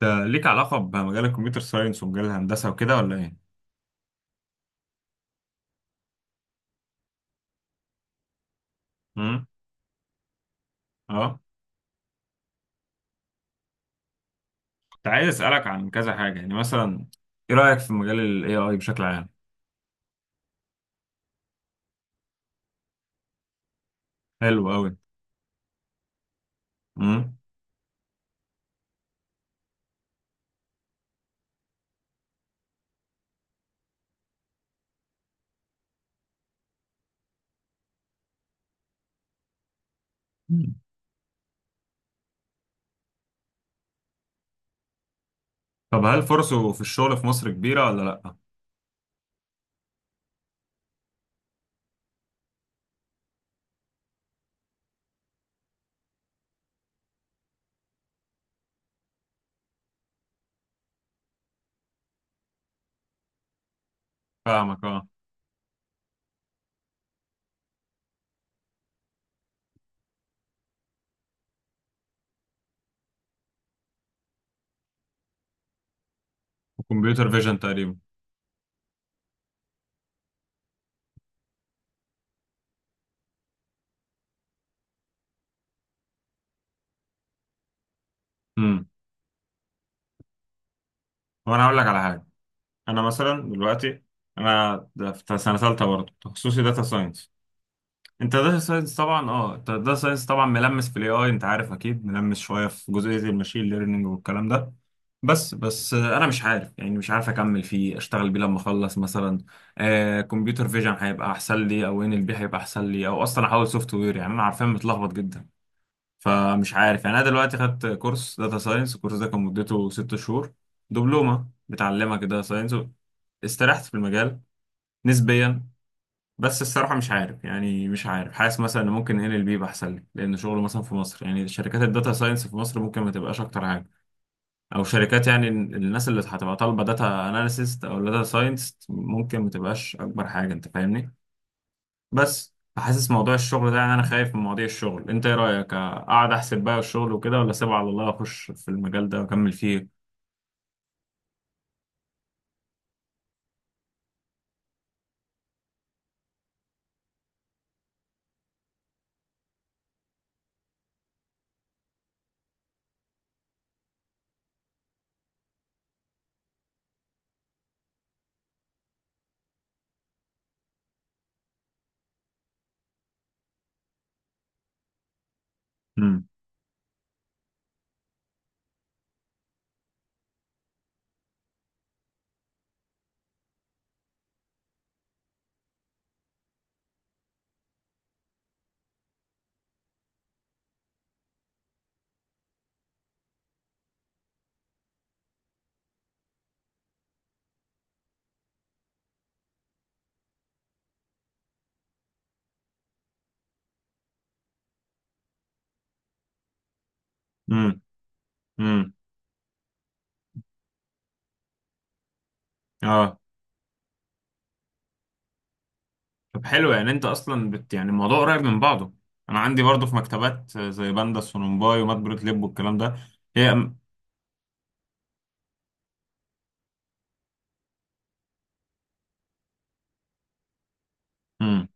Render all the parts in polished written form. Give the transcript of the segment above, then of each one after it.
ده ليك علاقة بمجال الكمبيوتر ساينس ومجال الهندسة وكده ولا ايه؟ امم. اه. كنت عايز اسألك عن كذا حاجة، يعني مثلا ايه رأيك في مجال ال AI بشكل عام؟ حلو قوي. امم. مم. طب هل فرصه في الشغل في مصر كبيرة ولا لأ؟ فاهمك، اه. الكمبيوتر فيجن تقريبا. امم. وانا هقول لك على حاجة، انا مثلا دلوقتي انا ده في سنة ثالثة برضه تخصصي داتا ساينس. انت داتا ساينس طبعا، ملمس في الاي اي، انت عارف اكيد ملمس شويه في جزئيه الماشين ليرنينج والكلام ده. بس انا مش عارف، يعني مش عارف اكمل فيه اشتغل بيه لما اخلص مثلا. كمبيوتر فيجن هيبقى احسن لي او ان ال بي هيبقى احسن لي او اصلا احول سوفت وير، يعني انا عارفين متلخبط جدا. فمش عارف، يعني انا دلوقتي خدت كورس داتا ساينس، الكورس ده كان مدته 6 شهور، دبلومه بتعلمك داتا ساينس. استريحت في المجال نسبيا. بس الصراحة مش عارف، يعني مش عارف، حاسس مثلا ان ممكن ال ال بي احسن لي، لان شغله مثلا في مصر، يعني شركات الداتا ساينس في مصر ممكن ما تبقاش اكتر حاجة، او شركات يعني الناس اللي هتبقى طالبة داتا اناليسيست او داتا ساينس ممكن ما تبقاش اكبر حاجة، انت فاهمني. بس فحاسس موضوع الشغل ده، يعني انا خايف من مواضيع الشغل. انت ايه رأيك، اقعد احسب بقى الشغل وكده ولا اسيبه على الله اخش في المجال ده واكمل فيه؟ امم. امم. امم. اه. طب حلو، يعني انت اصلا بت، يعني الموضوع قريب من بعضه. انا عندي برضه في مكتبات زي باندا سونومباي ومات بروت ليب والكلام ده. هي. امم.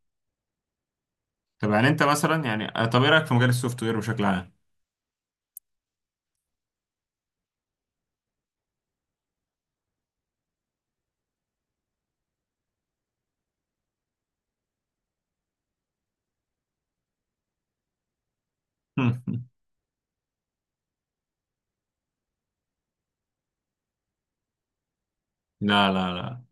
طب يعني انت مثلا، يعني طب ايه رايك في مجال السوفت وير بشكل عام؟ لا لا لا.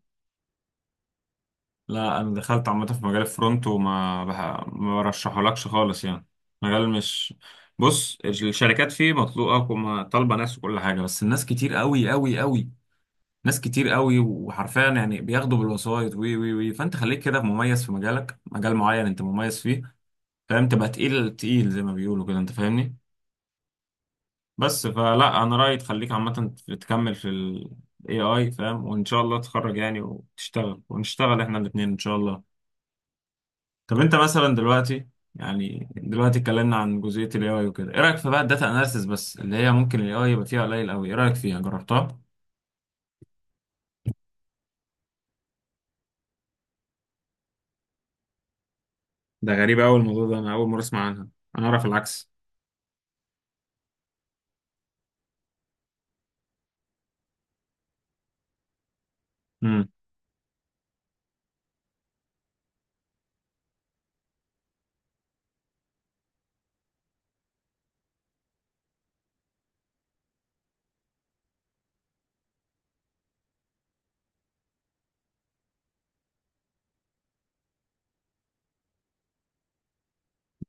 لا انا دخلت عامه في مجال الفرونت، ما برشحهولكش خالص يعني. مجال مش... بص الشركات فيه مطلوبه وما طالبه ناس وكل حاجه، بس الناس كتير قوي قوي قوي. ناس كتير قوي، وحرفيا يعني بياخدوا بالوسايط وي وي وي. فانت خليك كده مميز في مجالك، مجال معين انت مميز فيه، فاهم؟ تبقى تقيل تقيل زي ما بيقولوا كده، انت فاهمني. بس فلا انا رأيي تخليك عامة تكمل في ال AI، فاهم، وان شاء الله تتخرج يعني وتشتغل ونشتغل احنا الاتنين ان شاء الله. طب انت مثلا دلوقتي، يعني دلوقتي اتكلمنا عن جزئية ال AI وكده. ايه رأيك في بقى الداتا اناليسيس بس، اللي هي ممكن ال AI يبقى فيها قليل قوي؟ ايه رأيك فيها، جربتها؟ ده غريب قوي الموضوع ده، انا اول مرة اسمع عنها، انا اعرف العكس.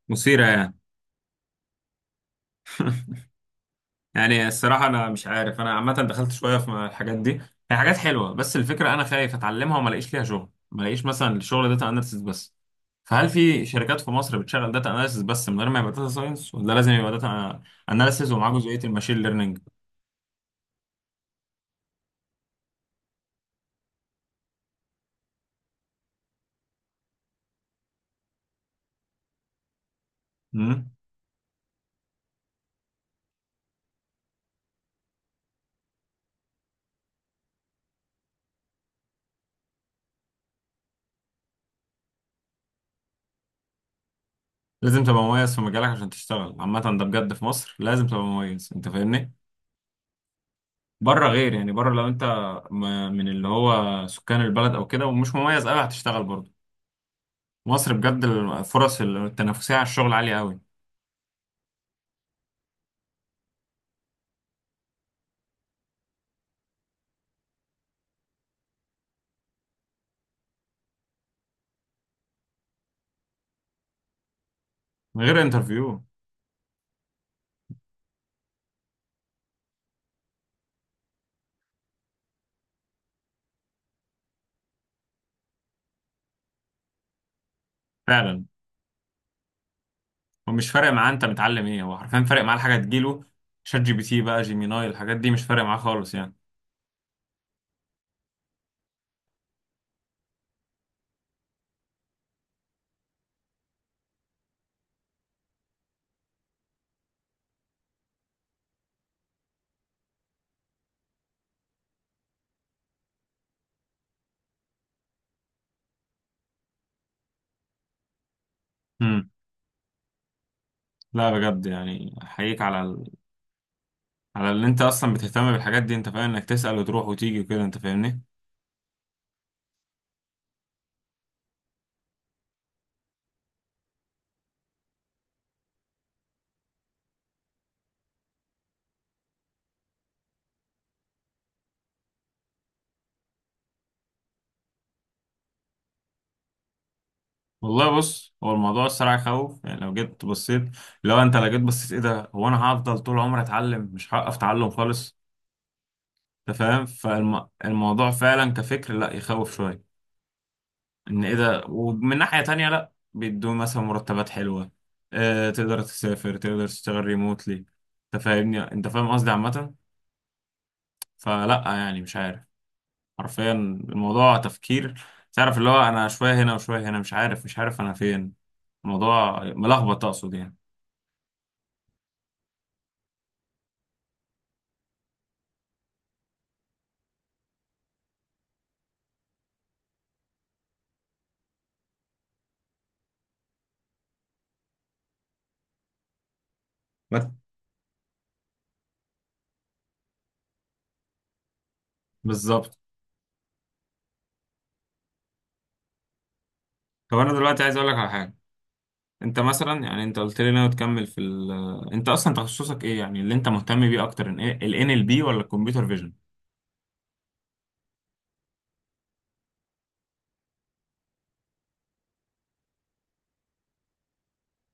مثيرة يعني. يعني الصراحة أنا مش عارف، أنا عامة دخلت شوية في الحاجات دي. هي حاجات حلوة، بس الفكرة أنا خايف أتعلمها وما ألاقيش ليها شغل، ما ألاقيش مثلا الشغل داتا أناليسيس بس. فهل في شركات في مصر بتشغل داتا أناليسيس بس من غير ما يبقى داتا ساينس، ولا لازم يبقى داتا أناليسيس ومعاه جزئية الماشين ليرنينج؟ مم؟ لازم تبقى مميز في مجالك عشان تشتغل عامة. ده بجد، في مصر لازم تبقى مميز، أنت فاهمني؟ بره غير، يعني بره لو أنت من اللي هو سكان البلد أو كده، ومش مميز أوي، هتشتغل بره مصر. بجد الفرص التنافسية على الشغل عالية قوي. من غير انترفيو. فعلا. هو مش فارق معاه انت متعلم ايه، هو حرفيا فارق معاه الحاجة تجيله. شات جي بي تي بقى، جيميناي، الحاجات دي مش فارق معاه خالص يعني. امم. لا بجد يعني احييك على ال... على اللي انت اصلا بتهتم بالحاجات دي، انت فاهم انك تسأل وتروح وتيجي وكده، انت فاهمني. والله بص، هو الموضوع الصراحة يخوف، يعني لو جيت بصيت، لو جيت بصيت ايه ده، هو انا هفضل طول عمري اتعلم، مش هوقف تعلم خالص، انت فاهم. فالموضوع فعلا كفكر لا يخوف شوية، ان ايه ده، ومن ناحية تانية لا بيدوا مثلا مرتبات حلوة، تقدر تسافر تقدر تشتغل ريموتلي، انت فاهمني، انت فاهم قصدي عامة. فلا يعني مش عارف، حرفيا الموضوع تفكير. تعرف اللي هو انا شوية هنا وشوية هنا، مش عارف انا فين. الموضوع ملخبط، اقصد يعني. ما- بالظبط. طب انا دلوقتي عايز اقول لك على حاجة. انت مثلا يعني انت قلت لي ناوي تكمل في ال، انت اصلا تخصصك ايه؟ يعني اللي انت مهتم بيه اكتر ان ايه، ال NLP ولا الكمبيوتر فيجن؟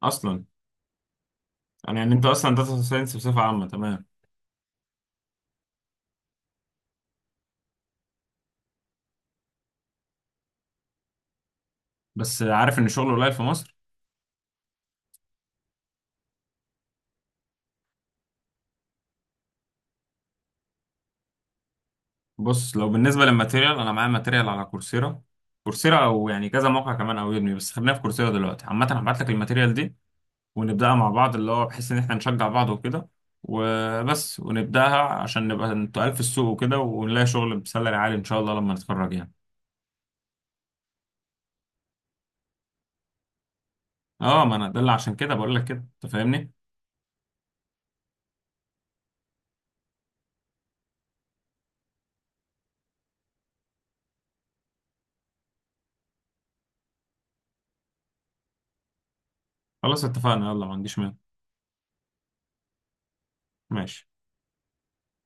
اصلا يعني انت اصلا داتا ساينس بصفه عامه، تمام. بس عارف ان الشغل قليل في مصر. بص لو بالنسبه للماتيريال، انا معايا ماتيريال على كورسيرا، كورسيرا او يعني كذا موقع كمان او يودمي، بس خلينا في كورسيرا دلوقتي عامه. هبعت لك الماتيريال دي ونبداها مع بعض، اللي هو بحيث ان احنا نشجع بعض وكده وبس، ونبداها عشان نبقى تقال في السوق وكده، ونلاقي شغل بسالري عالي ان شاء الله لما نتخرج يعني. اه ما انا ده اللي عشان كده بقول لك كده، انت فاهمني. خلاص اتفقنا يلا، ما عنديش مانع. ماشي.